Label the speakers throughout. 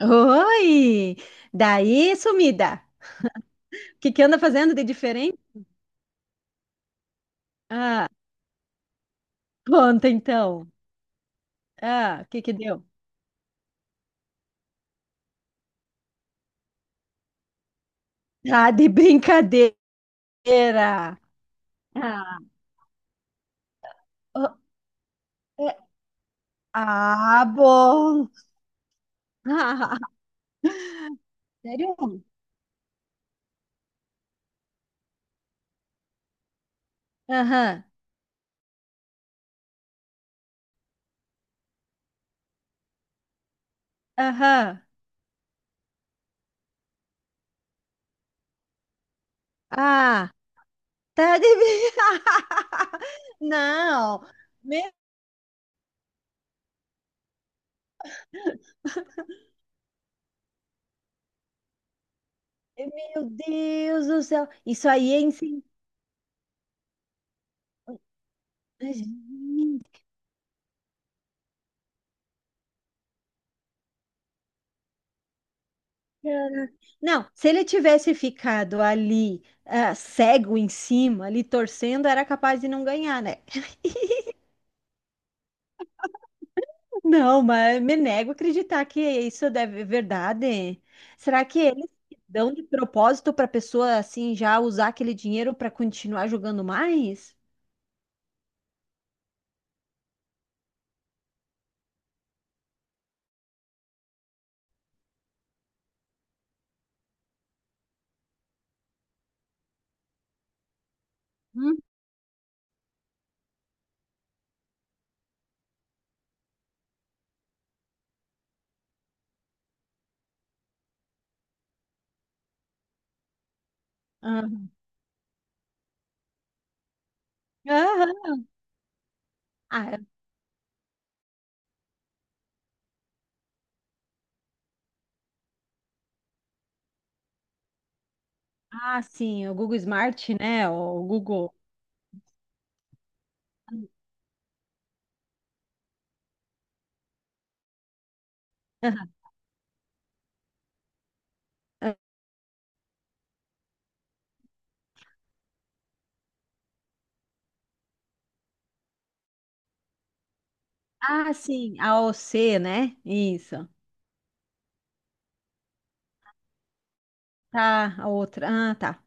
Speaker 1: Oi! Daí, sumida! O que que anda fazendo de diferente? Ah, conta então. Ah, o que que deu? Ah, de brincadeira! Ah, oh, é- ah, bom! Ah, sério? Aham, aham. Ah, tá de brincadeira! Não! Meu, meu Deus do céu! Isso aí é incentivo. Era- Não, se ele tivesse ficado ali, cego em cima, ali torcendo, era capaz de não ganhar, né? Não, mas me nego a acreditar que isso deve é verdade. Será que eles dão de propósito para a pessoa assim já usar aquele dinheiro para continuar jogando mais? Hum? Ah, aham. Ah, é. Ah, sim, o Google Smart, né? O Google. Aham. Ah, sim, a OC, né? Isso. Tá, a outra. Ah, tá.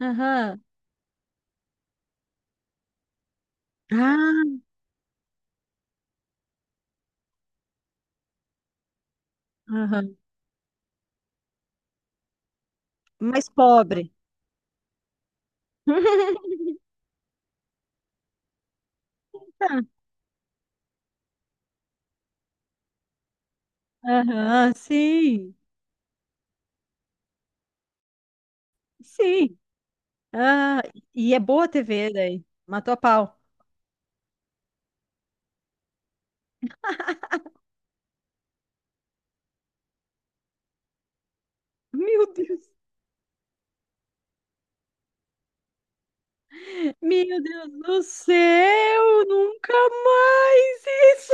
Speaker 1: Aham. Ah, aham. Mais pobre. Aham, sim, sim. Ah, e é boa a TV daí. Matou a pau. Meu Deus. Meu Deus do céu, nunca mais isso.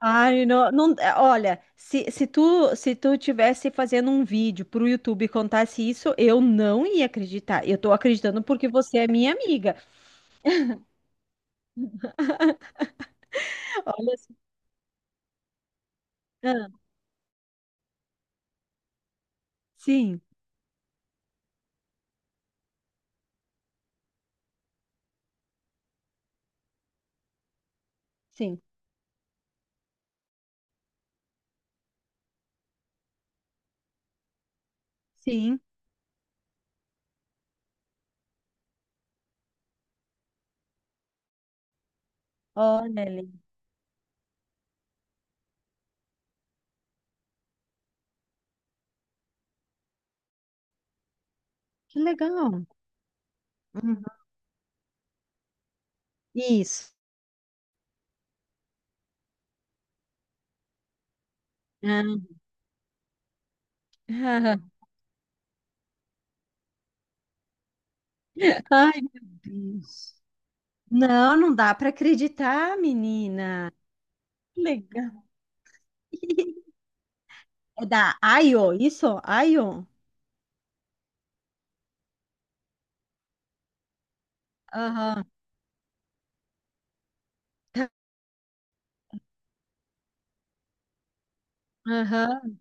Speaker 1: Ai, não, não, é, olha, se tu tivesse fazendo um vídeo pro YouTube e contasse isso, eu não ia acreditar. Eu tô acreditando porque você é minha amiga. Olha, assim, ah, sim, sim, sim. Olha. Que legal. Uhum. Isso. Ah, ah. Ai, meu Deus. Não, não dá para acreditar, menina. Que legal. É da Ayo, isso? Ayo. Aham. Tá. Aham.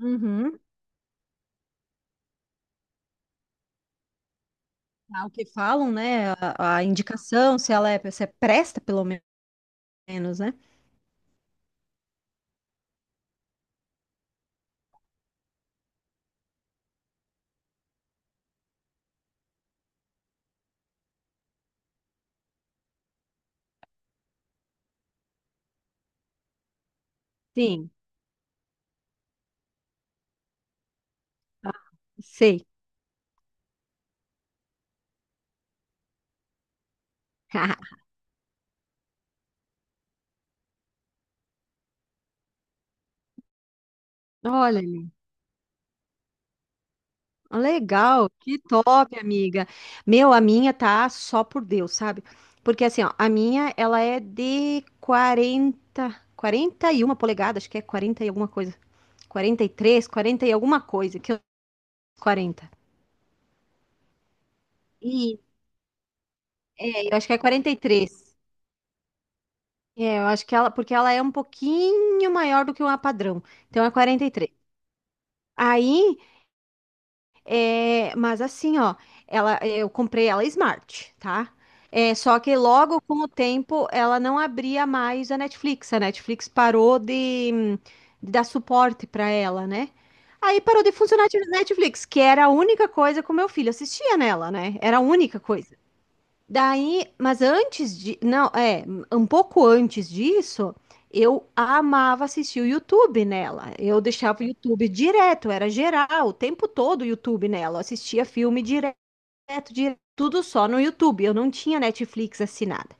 Speaker 1: Uhum. Ah, o que falam, né? A indicação, se ela é, se é presta, pelo menos, né? Sim. Ah, sei. Olha. Legal, que top, amiga. Meu, a minha tá só por Deus, sabe? Porque assim, ó, a minha, ela é de 41 polegadas, acho que é 40 e alguma coisa. 43, 40 e alguma coisa, que eu 40. E é, eu acho que é 43. É, eu acho que ela, porque ela é um pouquinho maior do que uma padrão. Então é 43. Aí, é, mas assim, ó, ela, eu comprei ela Smart, tá? É, só que logo com o tempo ela não abria mais a Netflix. A Netflix parou de dar suporte para ela, né? Aí parou de funcionar a Netflix, que era a única coisa que o meu filho assistia nela, né? Era a única coisa. Daí, mas antes de, não, é, um pouco antes disso, eu amava assistir o YouTube nela. Eu deixava o YouTube direto, era geral, o tempo todo o YouTube nela. Eu assistia filme direto, direto, tudo só no YouTube. Eu não tinha Netflix assinada.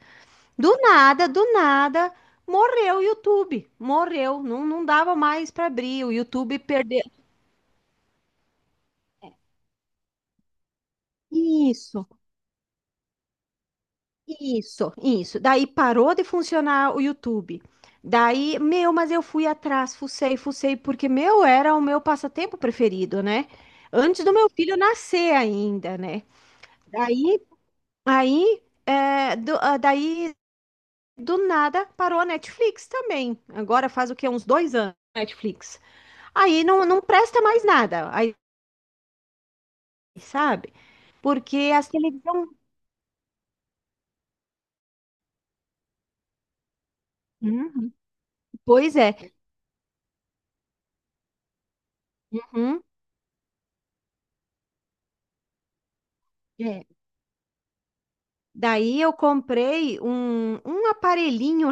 Speaker 1: Do nada, morreu o YouTube. Morreu, não, não dava mais para abrir. O YouTube perdeu. Isso. Isso, isso. Daí parou de funcionar o YouTube. Daí, meu, mas eu fui atrás, fucei, fucei, porque meu era o meu passatempo preferido, né? Antes do meu filho nascer ainda, né? Daí, aí, é, daí, do nada parou a Netflix também. Agora faz o quê? Uns 2 anos Netflix. Aí não presta mais nada, aí, sabe? Porque as televisão. Uhum, pois é. Uhum, é. Daí eu comprei um aparelhinho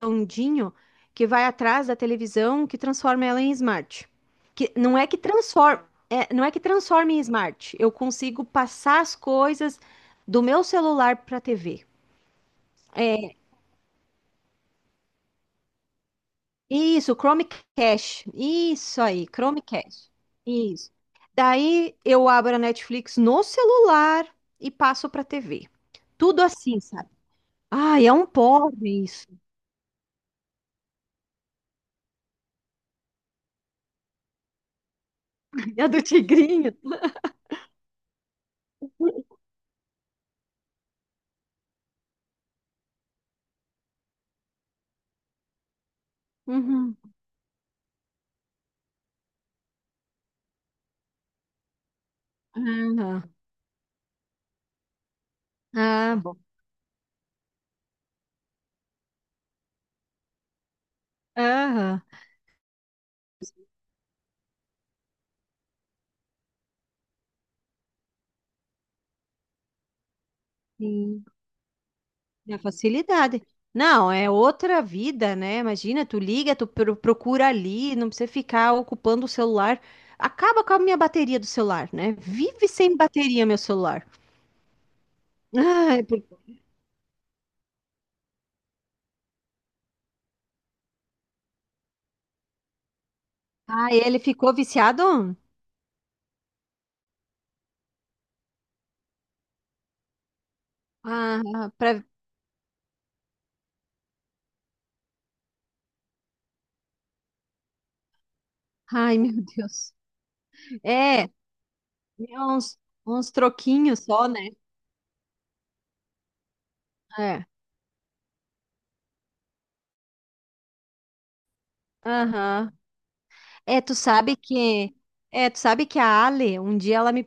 Speaker 1: redondinho que vai atrás da televisão que transforma ela em smart. Que não é que transforma, é, não é que transforma em smart. Eu consigo passar as coisas do meu celular para a TV. É, isso, Chromecast. Isso aí, Chromecast. Isso. Daí eu abro a Netflix no celular e passo para a TV. Tudo assim, sabe? Ai, é um porre isso. É do tigrinho. Uhum. Aham. Ah, bom. Aham. Sim. É facilidade. Não, é outra vida, né? Imagina, tu liga, tu procura ali, não precisa ficar ocupando o celular. Acaba com a minha bateria do celular, né? Vive sem bateria, meu celular. Ai, ah, ele ficou viciado? Ah. Ai, meu Deus. É uns, uns troquinhos só, né? É. Aham. É, tu sabe que a Ale, um dia ela me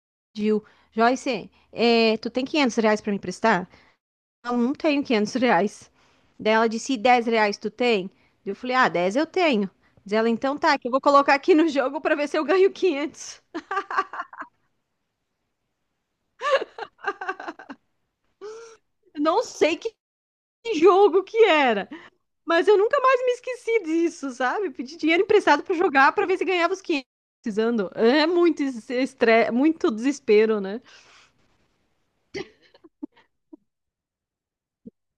Speaker 1: pediu, Joyce, tu tem R$ 500 pra me emprestar? Eu não tenho R$ 500. Daí ela disse, e R$ 10 tu tem? Eu falei, ah, 10 eu tenho. Diz ela, então tá, que eu vou colocar aqui no jogo pra ver se eu ganho 500. Eu não sei que jogo que era, mas eu nunca mais me esqueci disso, sabe? Pedi dinheiro emprestado pra jogar pra ver se ganhava os 500. Precisando. É muito estresse, muito desespero, né?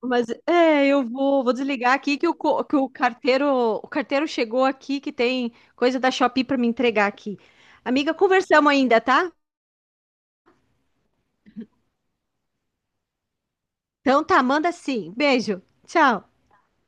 Speaker 1: Mas é, eu vou desligar aqui que que o carteiro chegou aqui que tem coisa da Shopee para me entregar aqui. Amiga, conversamos ainda, tá? Então tá, manda sim. Beijo. Tchau.